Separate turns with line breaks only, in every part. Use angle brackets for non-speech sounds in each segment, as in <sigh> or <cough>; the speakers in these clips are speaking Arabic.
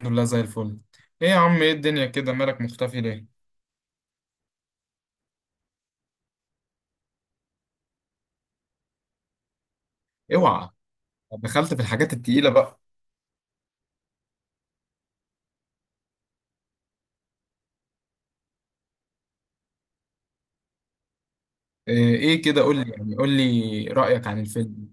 الحمد لله زي الفل. ايه يا عم؟ ايه الدنيا كده، مالك مختفي ليه؟ اوعى، دخلت في الحاجات التقيلة بقى! ايه إيه كده قول لي، يعني قول لي رأيك عن الفيلم.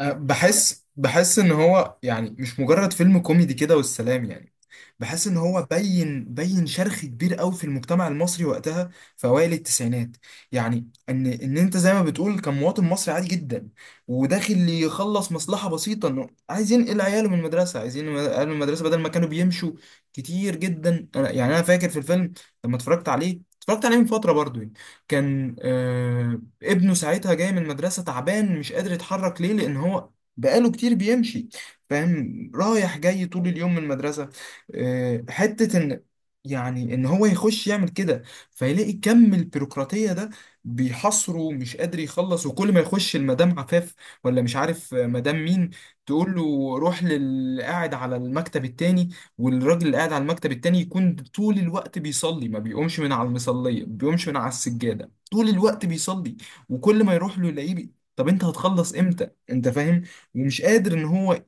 أه، بحس ان هو يعني مش مجرد فيلم كوميدي كده والسلام، يعني. بحس ان هو بين شرخ كبير قوي في المجتمع المصري وقتها، في اوائل التسعينات. يعني ان انت زي ما بتقول كان مواطن مصري عادي جدا، وداخل يخلص مصلحه بسيطه، انه عايز ينقل عياله من المدرسه، عايزين عياله من المدرسه بدل ما كانوا بيمشوا كتير جدا. يعني انا فاكر في الفيلم، لما اتفرجت عليه من فتره برضو يعني، كان ابنه ساعتها جاي من المدرسه تعبان، مش قادر يتحرك، ليه؟ لان هو بقاله كتير بيمشي، فاهم؟ رايح جاي طول اليوم من المدرسة. آه، حتة إن، يعني إن هو يخش يعمل كده، فيلاقي كم البيروقراطية ده بيحصره ومش قادر يخلص. وكل ما يخش المدام عفاف، ولا مش عارف مدام مين، تقول له: روح للي قاعد على المكتب التاني. والراجل اللي قاعد على المكتب التاني يكون طول الوقت بيصلي، ما بيقومش من على المصلية، ما بيقومش من على السجادة، طول الوقت بيصلي. وكل ما يروح له يلاقيه. طب انت هتخلص امتى؟ انت فاهم؟ ومش قادر ان هو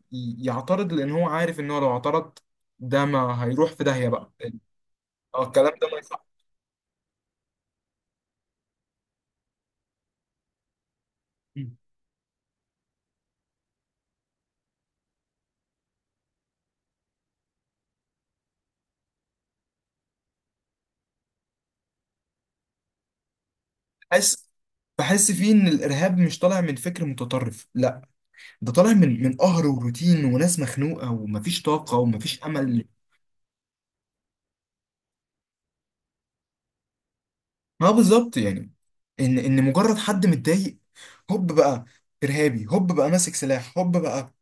يعترض، لان هو عارف ان هو لو اعترض، ده ما هيروح في داهية بقى. اه، الكلام ده ما يصح. بحس بحس فيه ان الارهاب مش طالع من فكر متطرف، لا، ده طالع من قهر وروتين وناس مخنوقة، ومفيش طاقة ومفيش امل. ما بالظبط يعني، ان مجرد حد متضايق، هوب بقى ارهابي، هوب بقى ماسك سلاح، هوب بقى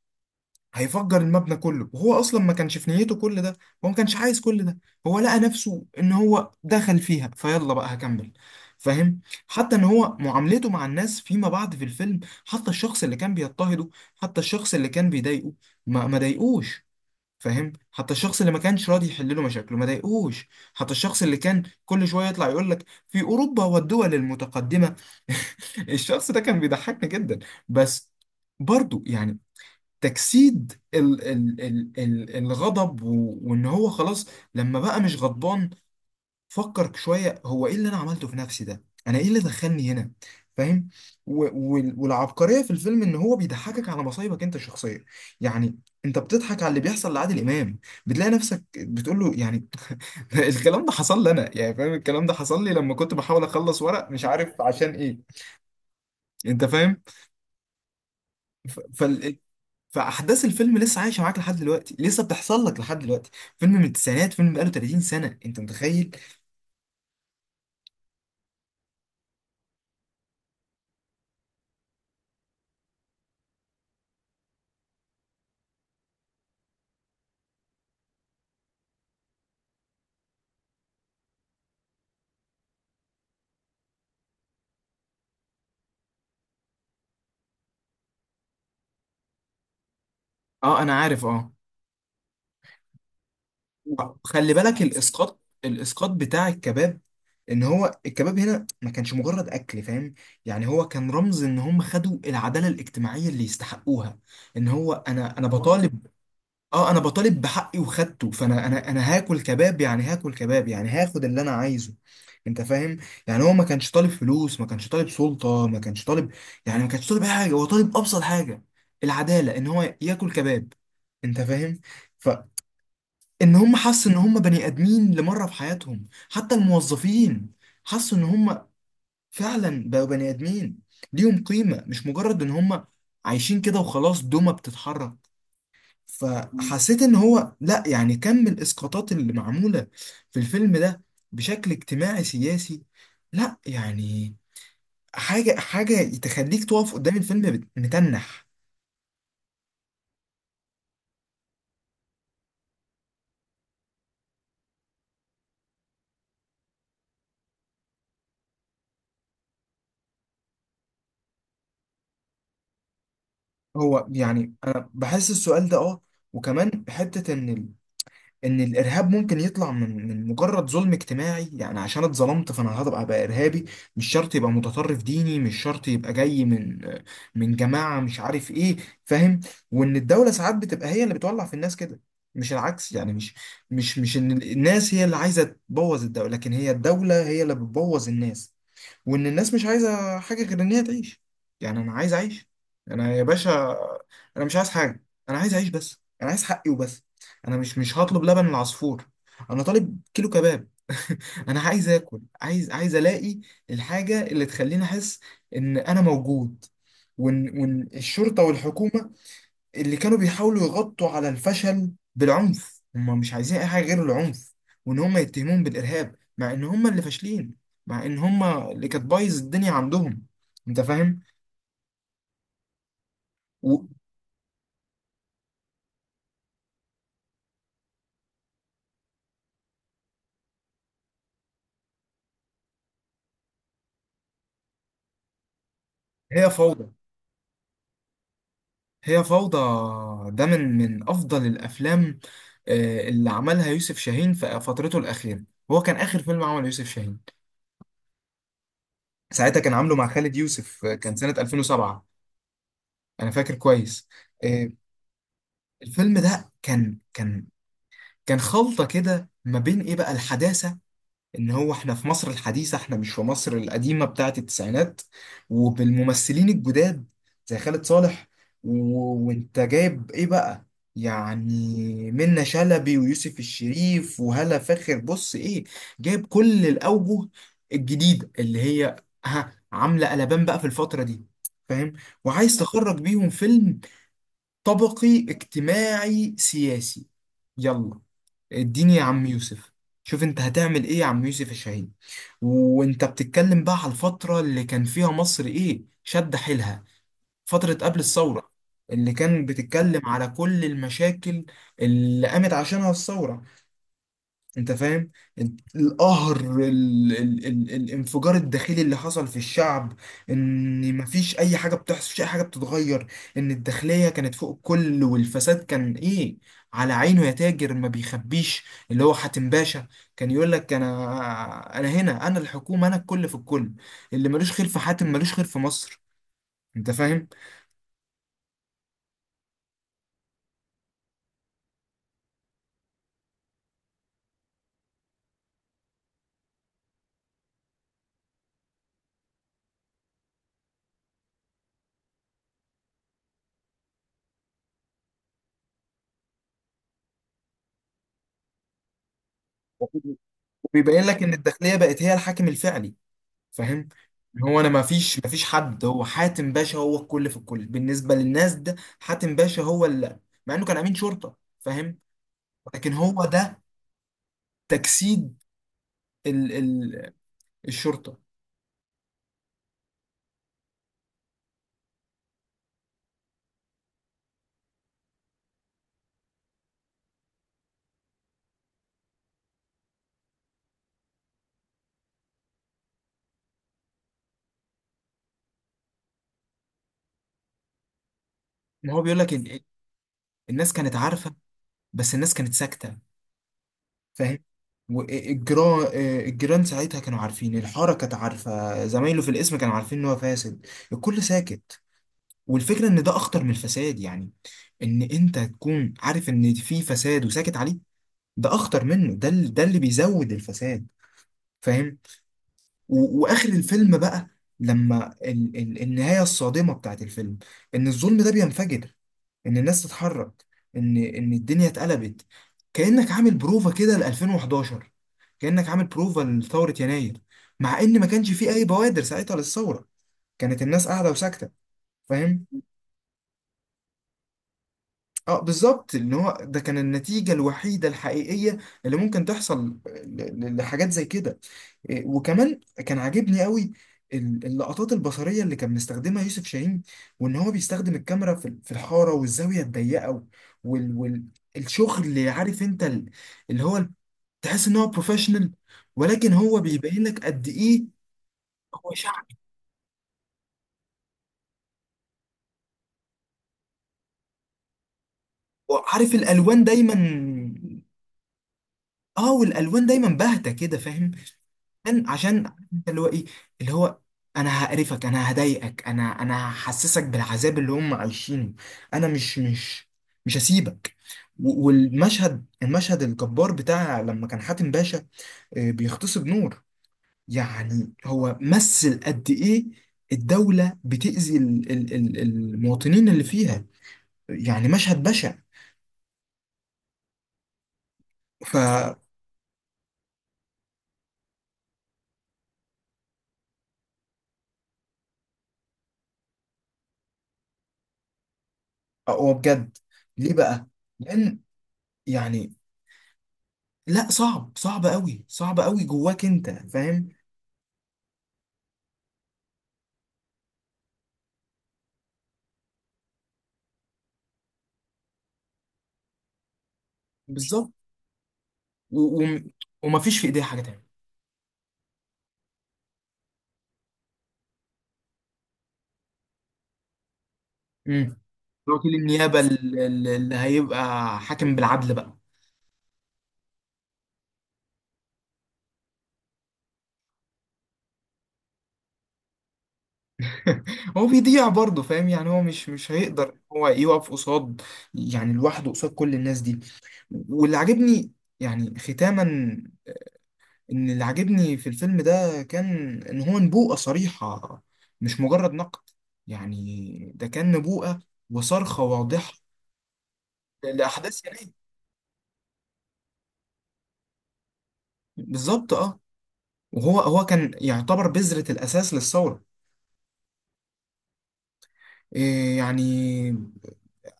هيفجر المبنى كله، وهو اصلا ما كانش في نيته كل ده. هو ما كانش عايز كل ده. هو لقى نفسه ان هو دخل فيها، فيلا بقى هكمل. فاهم؟ حتى ان هو معاملته مع الناس فيما بعد في الفيلم، حتى الشخص اللي كان بيضطهده، حتى الشخص اللي كان بيضايقه، ما ضايقوش. فاهم؟ حتى الشخص اللي ما كانش راضي يحل له مشاكله ما ضايقوش. حتى الشخص اللي كان كل شويه يطلع يقول لك: في اوروبا والدول المتقدمه. <laughs> الشخص ده كان بيضحكني جدا. بس برضو يعني، تجسيد ال الغضب وان هو خلاص. لما بقى مش غضبان، فكر شوية: هو ايه اللي انا عملته في نفسي ده؟ انا ايه اللي دخلني هنا؟ فاهم؟ والعبقرية في الفيلم ان هو بيضحكك على مصايبك انت الشخصية، يعني. انت بتضحك على اللي بيحصل لعادل امام، بتلاقي نفسك بتقول له يعني <laughs> الكلام ده حصل لي انا يعني، فاهم؟ الكلام ده حصل لي لما كنت بحاول اخلص ورق مش عارف عشان ايه. انت فاهم؟ فاحداث الفيلم لسه عايشه معاك لحد دلوقتي، لسه بتحصل لك لحد دلوقتي. فيلم من التسعينات، فيلم بقاله 30 سنه، انت متخيل؟ اه، انا عارف، اه. خلي بالك، الاسقاط بتاع الكباب. ان هو الكباب هنا ما كانش مجرد اكل، فاهم؟ يعني هو كان رمز ان هم خدوا العداله الاجتماعيه اللي يستحقوها. ان هو انا بطالب. اه، انا بطالب بحقي وخدته. فانا انا هاكل كباب، يعني هاكل كباب، يعني هاخد اللي انا عايزه. انت فاهم؟ يعني هو ما كانش طالب فلوس، ما كانش طالب سلطة، ما كانش طالب، يعني ما كانش طالب أي حاجة، هو طالب ابسط حاجة. العدالة ان هو ياكل كباب. انت فاهم؟ فان هم حسوا ان هم بني ادمين لمرة في حياتهم، حتى الموظفين حسوا ان هم فعلا بقوا بني ادمين، ليهم قيمة، مش مجرد ان هم عايشين كده وخلاص، دومة بتتحرك. فحسيت ان هو، لا يعني، كم من الاسقاطات اللي معموله في الفيلم ده بشكل اجتماعي سياسي، لا يعني، حاجه تخليك تقف قدام الفيلم متنح. هو يعني انا بحس السؤال ده اه، وكمان حته ان الارهاب ممكن يطلع من مجرد ظلم اجتماعي، يعني عشان اتظلمت فانا هبقى بقى ارهابي، مش شرط يبقى متطرف ديني، مش شرط يبقى جاي من جماعة مش عارف ايه. فاهم؟ وان الدولة ساعات بتبقى هي اللي بتولع في الناس كده، مش العكس. يعني مش ان الناس هي اللي عايزة تبوظ الدولة، لكن هي الدولة هي اللي بتبوظ الناس. وان الناس مش عايزه حاجه غير ان هي تعيش. يعني انا عايز اعيش، انا يا باشا، انا مش عايز حاجه، انا عايز اعيش بس، انا عايز حقي وبس. انا مش هطلب لبن العصفور. انا طالب كيلو كباب. <laughs> انا عايز اكل، عايز الاقي الحاجه اللي تخليني احس ان انا موجود. وان الشرطه والحكومه اللي كانوا بيحاولوا يغطوا على الفشل بالعنف، هم مش عايزين اي حاجه غير العنف. وان هم يتهمون بالارهاب، مع ان هم اللي فاشلين، مع ان هم اللي كانت بايظ الدنيا عندهم. انت فاهم؟ وهي فوضى. هي فوضى. ده من افضل الافلام، اللي عملها يوسف شاهين في فترته الاخيره. هو كان اخر فيلم عمله يوسف شاهين. ساعتها كان عامله مع خالد يوسف، كان سنه 2007. انا فاكر كويس. آه، الفيلم ده كان خلطة كده ما بين ايه بقى الحداثة، ان هو احنا في مصر الحديثة، احنا مش في مصر القديمة بتاعة التسعينات، وبالممثلين الجداد زي خالد صالح، و... وانت جايب ايه بقى، يعني منة شلبي ويوسف الشريف وهالة فاخر، بص ايه، جايب كل الأوجه الجديدة اللي هي ها عاملة قلبان بقى في الفترة دي. فاهم؟ وعايز تخرج بيهم فيلم طبقي اجتماعي سياسي. يلا، اديني يا عم يوسف. شوف انت هتعمل ايه يا عم يوسف الشهيد. وانت بتتكلم بقى على الفترة اللي كان فيها مصر ايه، شد حيلها، فترة قبل الثورة، اللي كان بتتكلم على كل المشاكل اللي قامت عشانها الثورة. انت فاهم؟ القهر، الانفجار الداخلي اللي حصل في الشعب، ان مفيش اي حاجه بتحصل، مفيش اي حاجه بتتغير، ان الداخليه كانت فوق الكل، والفساد كان ايه، على عينه يا تاجر ما بيخبيش. اللي هو حاتم باشا كان يقول لك: انا هنا، انا الحكومه، انا الكل في الكل. اللي ملوش خير في حاتم ملوش خير في مصر. انت فاهم؟ <laughs> وبيبين لك ان الداخليه بقت هي الحاكم الفعلي. فاهم؟ إن هو، انا ما فيش حد، هو حاتم باشا هو الكل في الكل بالنسبه للناس، ده حاتم باشا هو اللي، مع انه كان امين شرطه. فاهم؟ لكن هو ده تجسيد ال... ال... الشرطه. ما هو بيقول لك إن الناس كانت عارفه، بس الناس كانت ساكته. فاهم؟ والجيران ساعتها كانوا عارفين، الحاره كانت عارفه، زمايله في القسم كانوا عارفين ان هو فاسد. الكل ساكت. والفكره ان ده اخطر من الفساد، يعني ان انت تكون عارف ان في فساد وساكت عليه، ده اخطر منه، ده اللي بيزود الفساد. فاهم؟ واخر الفيلم بقى، لما ال النهايه الصادمه بتاعت الفيلم، ان الظلم ده بينفجر، ان الناس تتحرك، ان الدنيا اتقلبت. كانك عامل بروفا كده ل 2011، كانك عامل بروفا لثوره يناير، مع ان ما كانش فيه اي بوادر ساعتها للثوره، كانت الناس قاعده وساكته. فاهم؟ اه بالظبط، ان هو ده كان النتيجه الوحيده الحقيقيه اللي ممكن تحصل لحاجات زي كده. إيه، وكمان كان عاجبني قوي اللقطات البصرية اللي كان مستخدمها يوسف شاهين، وان هو بيستخدم الكاميرا في الحارة والزاوية الضيقة، والشغل اللي عارف انت اللي هو، تحس ان هو بروفيشنال. ولكن هو بيبين لك قد ايه هو شعبي. وعارف الالوان دايما، اه والالوان دايما باهتة كده. فاهم؟ عشان انت اللي هو ايه، اللي هو، انا هقرفك، انا هضايقك، انا هحسسك بالعذاب اللي هم عايشينه. انا مش هسيبك. والمشهد المشهد الجبار بتاع لما كان حاتم باشا بيغتصب نور. يعني هو مثل قد ايه الدولة بتأذي المواطنين اللي فيها، يعني مشهد بشع. ف هو بجد، ليه بقى؟ لأن يعني، لا، صعب صعب قوي، صعب قوي جواك، انت فاهم؟ بالظبط، و... و... ومفيش في ايديها حاجه تانية. امم. وكيل النيابه اللي هيبقى حاكم بالعدل بقى. <laughs> هو بيضيع برضه، فاهم؟ يعني هو مش هيقدر هو يقف قصاد، يعني لوحده قصاد كل الناس دي. واللي عاجبني، يعني ختاما، ان اللي عاجبني في الفيلم ده كان ان هو نبوءة صريحة، مش مجرد نقد، يعني ده كان نبوءة وصرخة واضحة لأحداث، يعني. بالظبط، اه. وهو كان يعتبر بذرة الأساس للثورة. إيه يعني،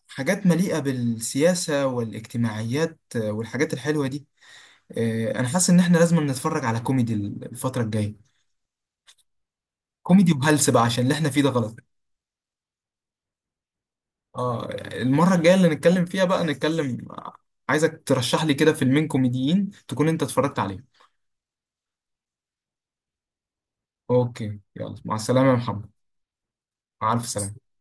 حاجات مليئة بالسياسة والاجتماعيات، والحاجات الحلوة دي. إيه، أنا حاسس إن إحنا لازم نتفرج على كوميدي الفترة الجاية. كوميدي وهلس بقى عشان اللي إحنا فيه ده غلط. آه. المرة الجاية اللي نتكلم فيها بقى نتكلم، عايزك ترشح لي كده فيلمين كوميديين تكون أنت اتفرجت عليهم. أوكي، يلا، مع السلامة يا محمد. مع ألف سلامة.